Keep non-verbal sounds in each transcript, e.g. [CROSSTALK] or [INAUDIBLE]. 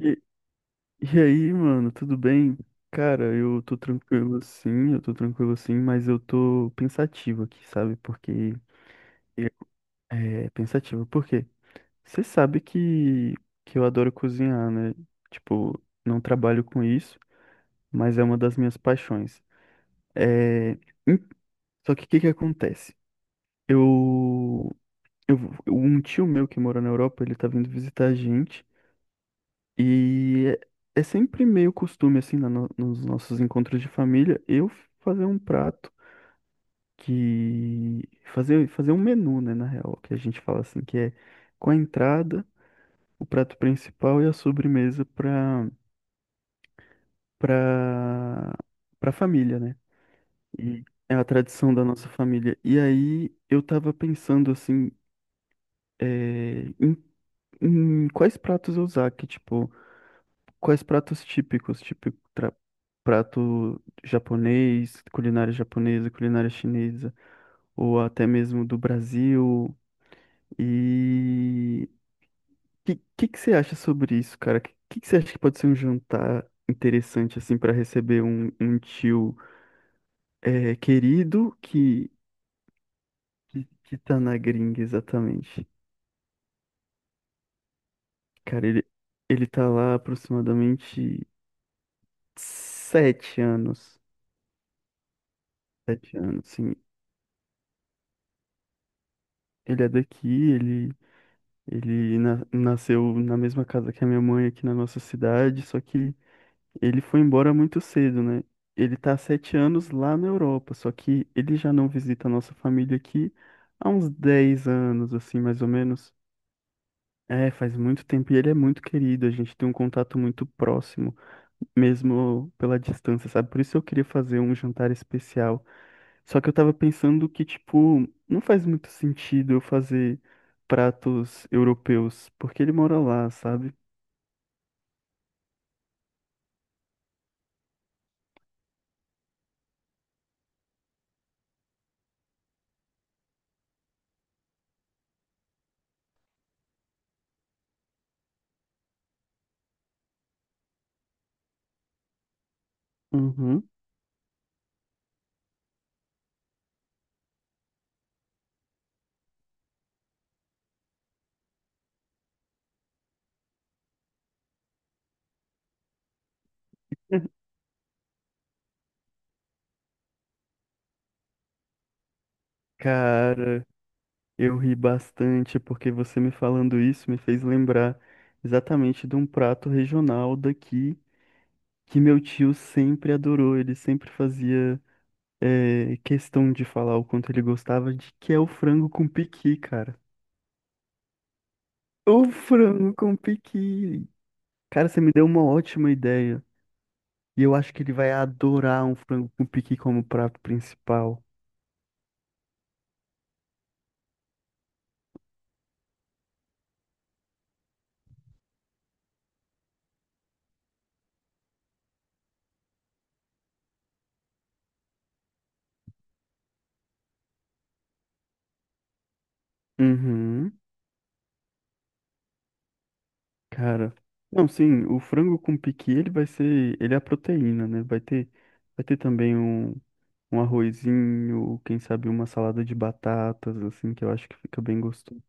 E, e aí, mano, tudo bem? Cara, eu tô tranquilo assim, eu tô tranquilo assim, mas eu tô pensativo aqui, sabe? Porque é pensativo, porque você sabe que eu adoro cozinhar, né? Tipo, não trabalho com isso, mas é uma das minhas paixões. É, em- só que o que que acontece? Eu, eu, um tio meu que mora na Europa, ele tá vindo visitar a gente. E é sempre meio costume, assim, na no- nos nossos encontros de família, eu fazer um prato que. Fazer um menu, né, na real, que a gente fala assim, que é com a entrada, o prato principal e a sobremesa para para família, né? E é a tradição da nossa família. E aí eu tava pensando, assim, é, em, em quais pratos eu usar, que, tipo. Quais pratos típicos, tipo prato japonês, culinária japonesa, culinária chinesa, ou até mesmo do Brasil? E que que você acha sobre isso, cara? Que que você acha que pode ser um jantar interessante assim para receber um tio querido que tá na gringa exatamente? Cara, ele tá lá aproximadamente 7 anos, 7 anos, sim. Ele é daqui, ele nasceu na mesma casa que a minha mãe aqui na nossa cidade, só que ele foi embora muito cedo, né? Ele tá há 7 anos lá na Europa, só que ele já não visita a nossa família aqui há uns 10 anos, assim, mais ou menos. É, faz muito tempo e ele é muito querido, a gente tem um contato muito próximo, mesmo pela distância, sabe? Por isso eu queria fazer um jantar especial. Só que eu tava pensando que, tipo, não faz muito sentido eu fazer pratos europeus, porque ele mora lá, sabe? Uhum. [LAUGHS] Cara, eu ri bastante porque você me falando isso me fez lembrar exatamente de um prato regional daqui que meu tio sempre adorou. Ele sempre fazia. Questão de falar o quanto ele gostava de que é o frango com piqui, cara. O frango com piqui. Cara, você me deu uma ótima ideia. E eu acho que ele vai adorar um frango com piqui como prato principal. Uhum, cara. Não, sim, o frango com piqui, ele é a proteína, né? Vai ter também um arrozinho, quem sabe uma salada de batatas, assim, que eu acho que fica bem gostoso.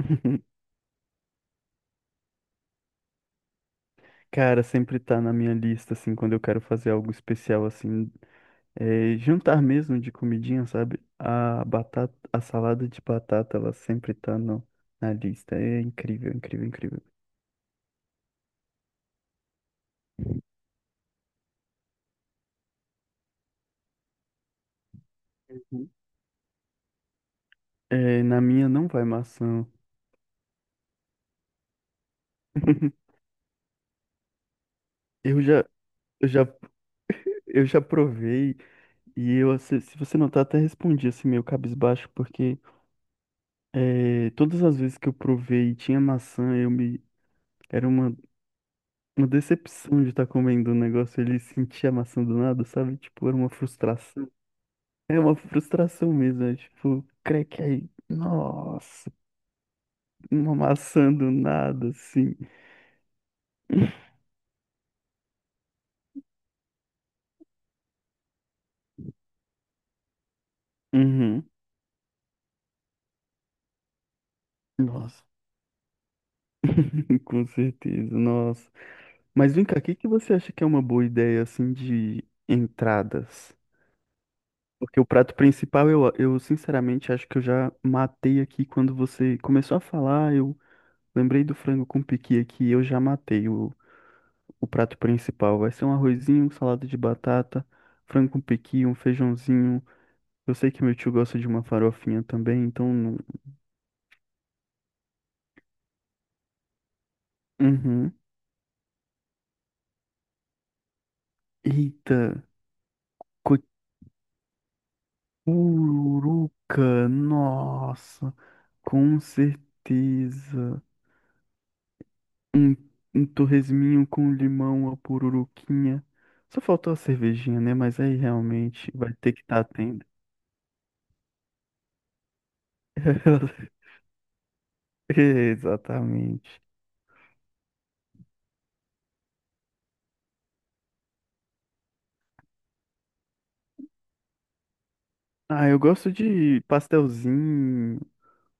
[LAUGHS] Cara, sempre tá na minha lista, assim, quando eu quero fazer algo especial, assim, jantar mesmo de comidinha, sabe? A batata, a salada de batata, ela sempre tá no, na lista. É incrível, incrível, incrível. Uhum. É, na minha não vai maçã. [LAUGHS] Eu já, eu já, eu já provei e eu, se você notar, até respondi assim meio cabisbaixo, porque todas as vezes que eu provei e tinha maçã, era uma decepção de estar comendo um negócio ele sentia a maçã do nada, sabe? Tipo, era uma frustração. É uma frustração mesmo, é tipo, creque aí. Nossa, uma maçã do nada, assim. Uhum. Nossa, [LAUGHS] com certeza, nossa. Mas vem cá, o que que você acha que é uma boa ideia, assim, de entradas? Porque o prato principal, eu sinceramente acho que eu já matei aqui quando você começou a falar, eu lembrei do frango com piqui aqui, eu já matei o prato principal vai ser um arrozinho, um salada de batata, frango com pequi, um feijãozinho. Eu sei que meu tio gosta de uma farofinha também, então. Uhum. Eita, cocuruca, nossa, com certeza. Um, um torresminho com limão, a pururuquinha. Só faltou a cervejinha, né? Mas aí realmente vai ter que estar tendo. [LAUGHS] Exatamente. Ah, eu gosto de pastelzinho.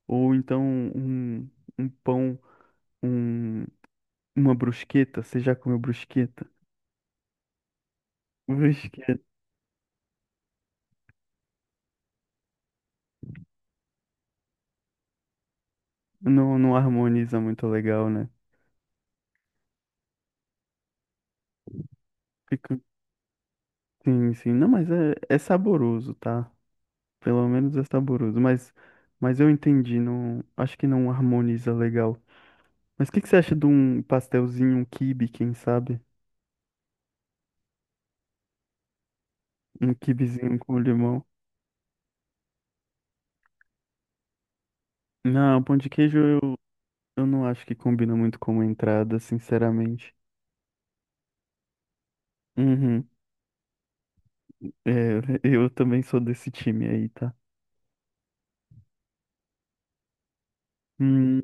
Ou então um, um pão, um, uma brusqueta. Você já comeu brusqueta? Brusqueta não harmoniza muito legal, né? Fica, sim, sim. Não, mas é saboroso, tá? Pelo menos é saboroso. Mas eu entendi, não, acho que não harmoniza legal. Mas o que, que você acha de um pastelzinho, um quibe, quem sabe? Um quibezinho com limão? Não, pão de queijo eu não acho que combina muito como entrada, sinceramente. Uhum. É, eu também sou desse time aí, tá? Hum,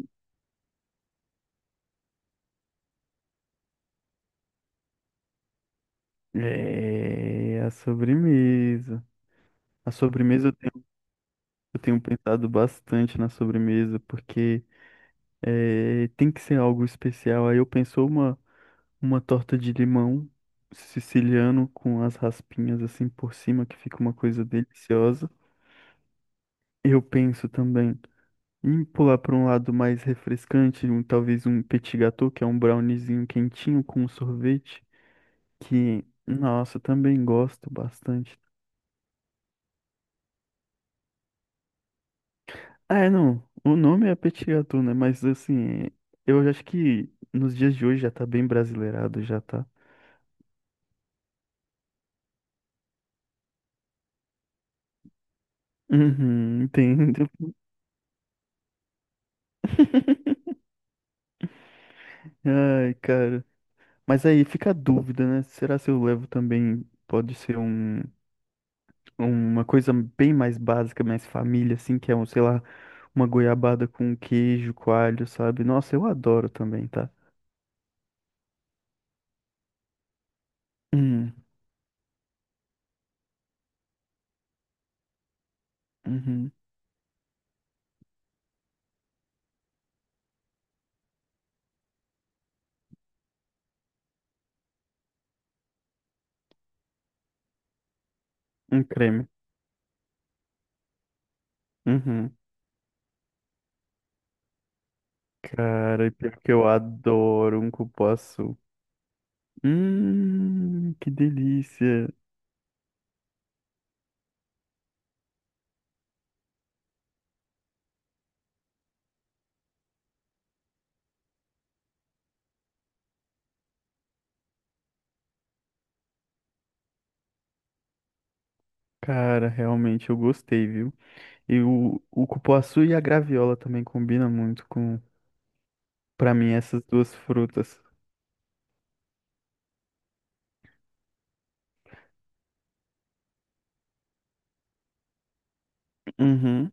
é, a sobremesa. A sobremesa eu tenho pensado bastante na sobremesa, porque tem que ser algo especial. Aí eu penso uma torta de limão siciliano com as raspinhas assim por cima, que fica uma coisa deliciosa. Eu penso também em pular para um lado mais refrescante, talvez um petit gâteau, que é um browniezinho quentinho com um sorvete. Que, nossa, eu também gosto bastante. Ah, é, não. O nome é petit gâteau, né? Mas assim, eu acho que nos dias de hoje já tá bem brasileirado, já tá. Uhum, [LAUGHS] entendo. Ai, cara. Mas aí fica a dúvida, né? Será se eu levo também pode ser um, uma coisa bem mais básica, mais família, assim, que é sei lá, uma goiabada com queijo, coalho, sabe? Nossa, eu adoro também, tá? Hum, uhum, um creme. Uhum. Cara, e pior que eu adoro um cupuaçu. Que delícia. Cara, realmente eu gostei, viu? E o cupuaçu e a graviola também combinam muito com, pra mim, essas duas frutas. Uhum.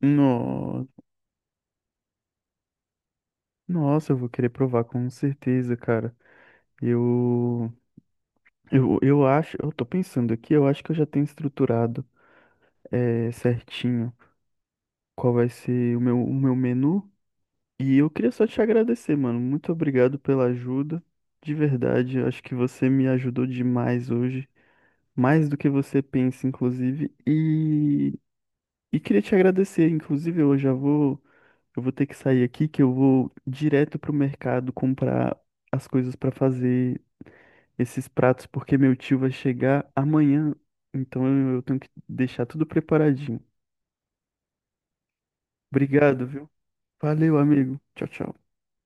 No, nossa, eu vou querer provar com certeza, cara. Eu, eu acho, eu tô pensando aqui, eu acho que eu já tenho estruturado, certinho qual vai ser o meu menu. E, eu queria só te agradecer, mano. Muito obrigado pela ajuda. De verdade, eu acho que você me ajudou demais hoje, mais do que você pensa, inclusive. E queria te agradecer, inclusive, eu vou ter que sair aqui, que eu vou direto pro mercado comprar as coisas pra fazer esses pratos, porque meu tio vai chegar amanhã. Então eu tenho que deixar tudo preparadinho. Obrigado, viu? Valeu, amigo. Tchau, tchau.